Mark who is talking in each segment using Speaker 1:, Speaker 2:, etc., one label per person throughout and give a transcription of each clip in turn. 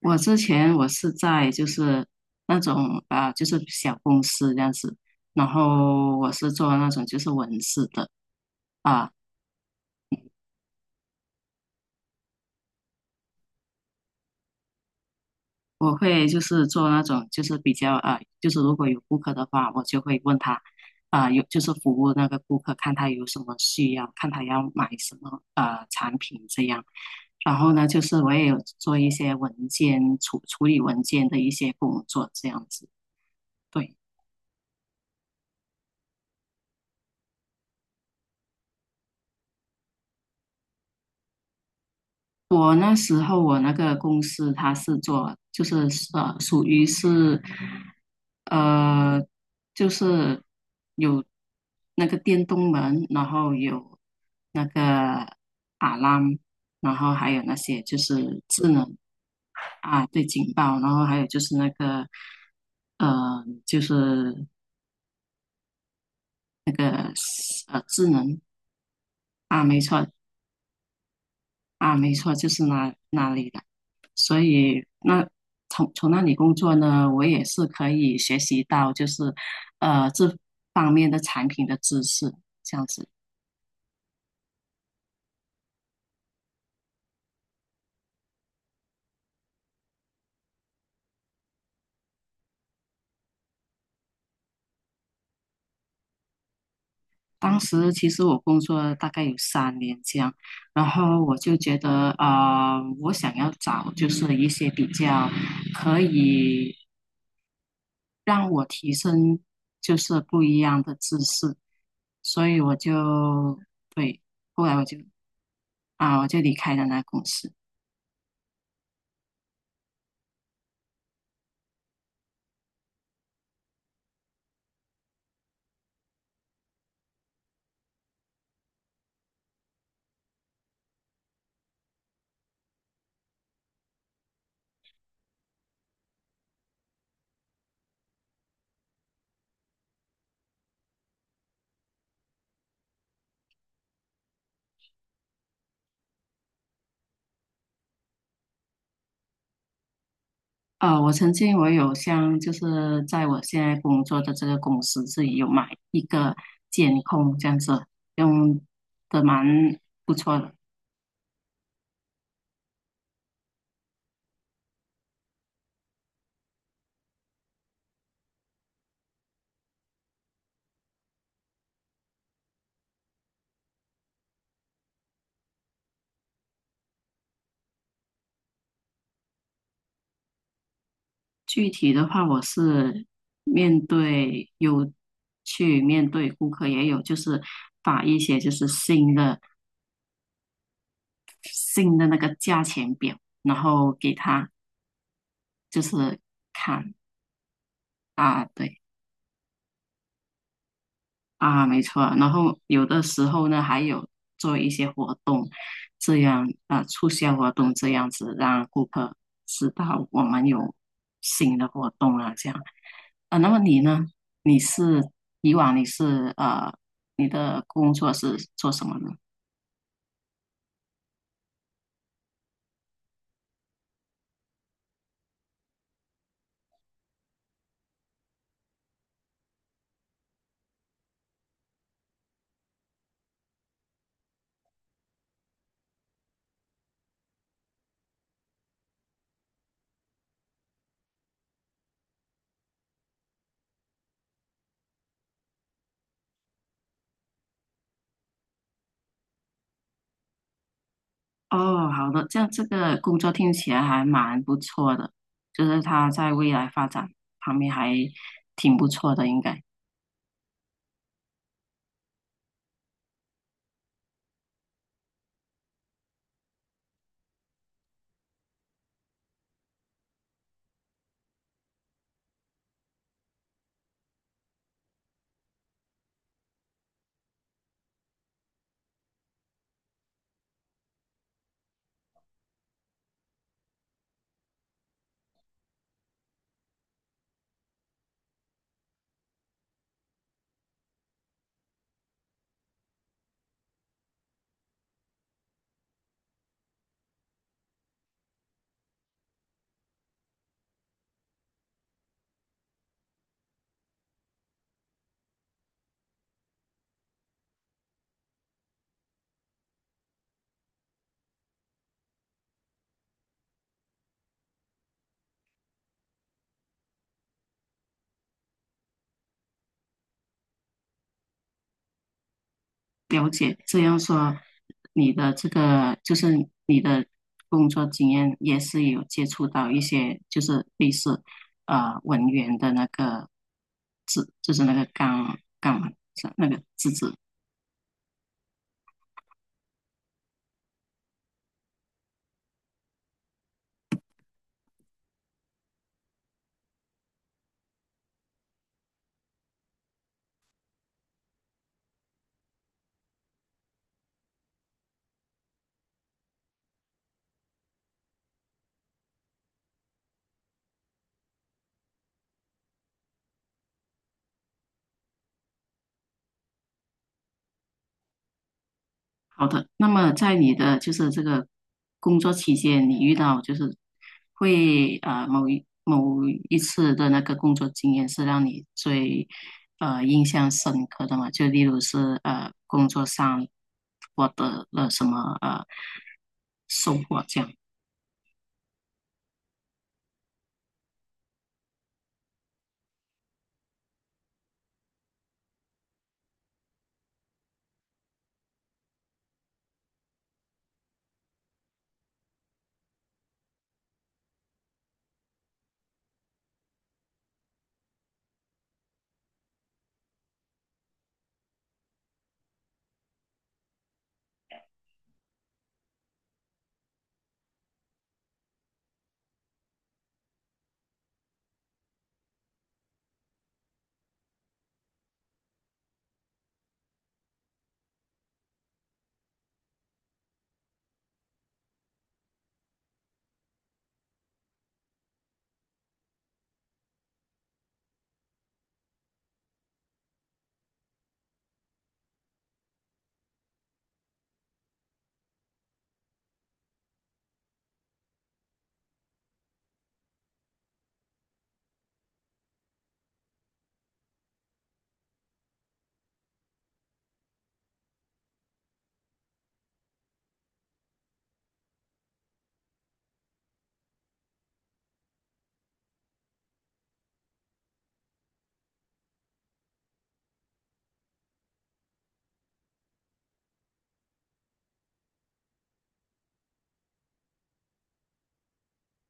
Speaker 1: 我之前是在就是那种啊，就是小公司这样子，然后我是做那种就是文字的。啊，我会就是做那种就是比较啊，就是如果有顾客的话，我就会问他，有就是服务那个顾客，看他有什么需要，看他要买什么啊产品这样。然后呢，就是我也有做一些文件处处理文件的一些工作这样子，对。我那时候那个公司它是做属于是，呃就是有那个电动门，然后有那个 alarm，然后还有那些就是智能。啊对，警报，然后还有就是那个，呃就是那个，智能。啊没错，啊没错，就是那里的。所以那从那里工作呢，我也是可以学习到就是这方面的产品的知识，这样子。当时其实我工作大概有三年这样，然后我就觉得啊，我想要找就是一些比较可以让我提升就是不一样的知识，所以我就，对，后来我就，我就离开了那公司。我曾经我有像就是在我现在工作的这个公司自己有买一个监控这样子，用的蛮不错的。具体的话，我是面对，有去面对顾客，也有就是把一些就是新的那个价钱表，然后给他就是看。对。啊，没错。然后有的时候呢，还有做一些活动，这样啊，促销活动这样子，让顾客知道我们有新的活动啊，这样。啊，那么你呢？你是，以往你是呃，你的工作是做什么呢？哦，好的，这样这个工作听起来还蛮不错的，就是它在未来发展方面还挺不错的，应该。了解，这样说，你的这个就是你的工作经验也是有接触到一些就是类似文员的那个字，就是那个岗嘛，是那个字。好的，那么在你的就是这个工作期间，你遇到就是会呃某一某一次的那个工作经验是让你最印象深刻的嘛？就例如是工作上获得了什么收获这样。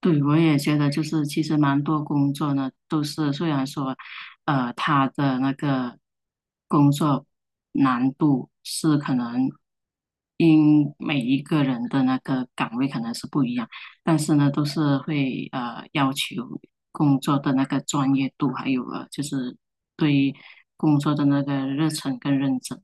Speaker 1: 对，我也觉得就是，其实蛮多工作呢，都是虽然说，他的那个工作难度是可能因每一个人的那个岗位可能是不一样，但是呢，都是会要求工作的那个专业度，还有就是对工作的那个热忱跟认真。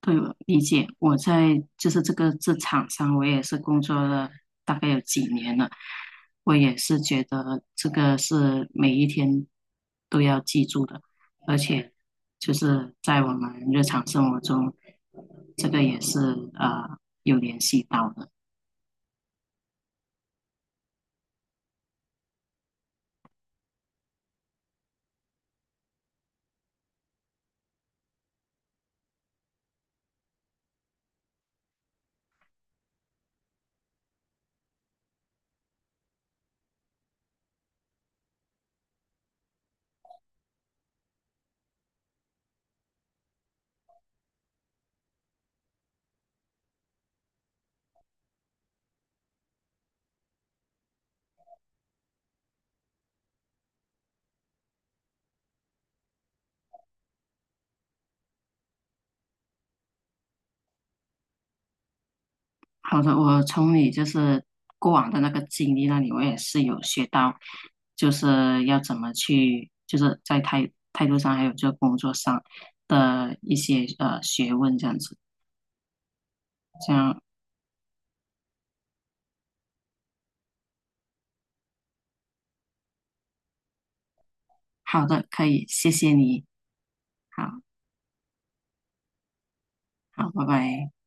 Speaker 1: 对，我理解。我在就是这个这场上，我也是工作了大概有几年了。我也是觉得这个是每一天都要记住的，而且就是在我们日常生活中，这个也是呃有联系到的。好的，我从你就是过往的那个经历那里，我也是有学到，就是要怎么去，就是在态度上，还有就工作上的一些学问这样子。这样，好的，可以，谢谢你，好好，拜拜。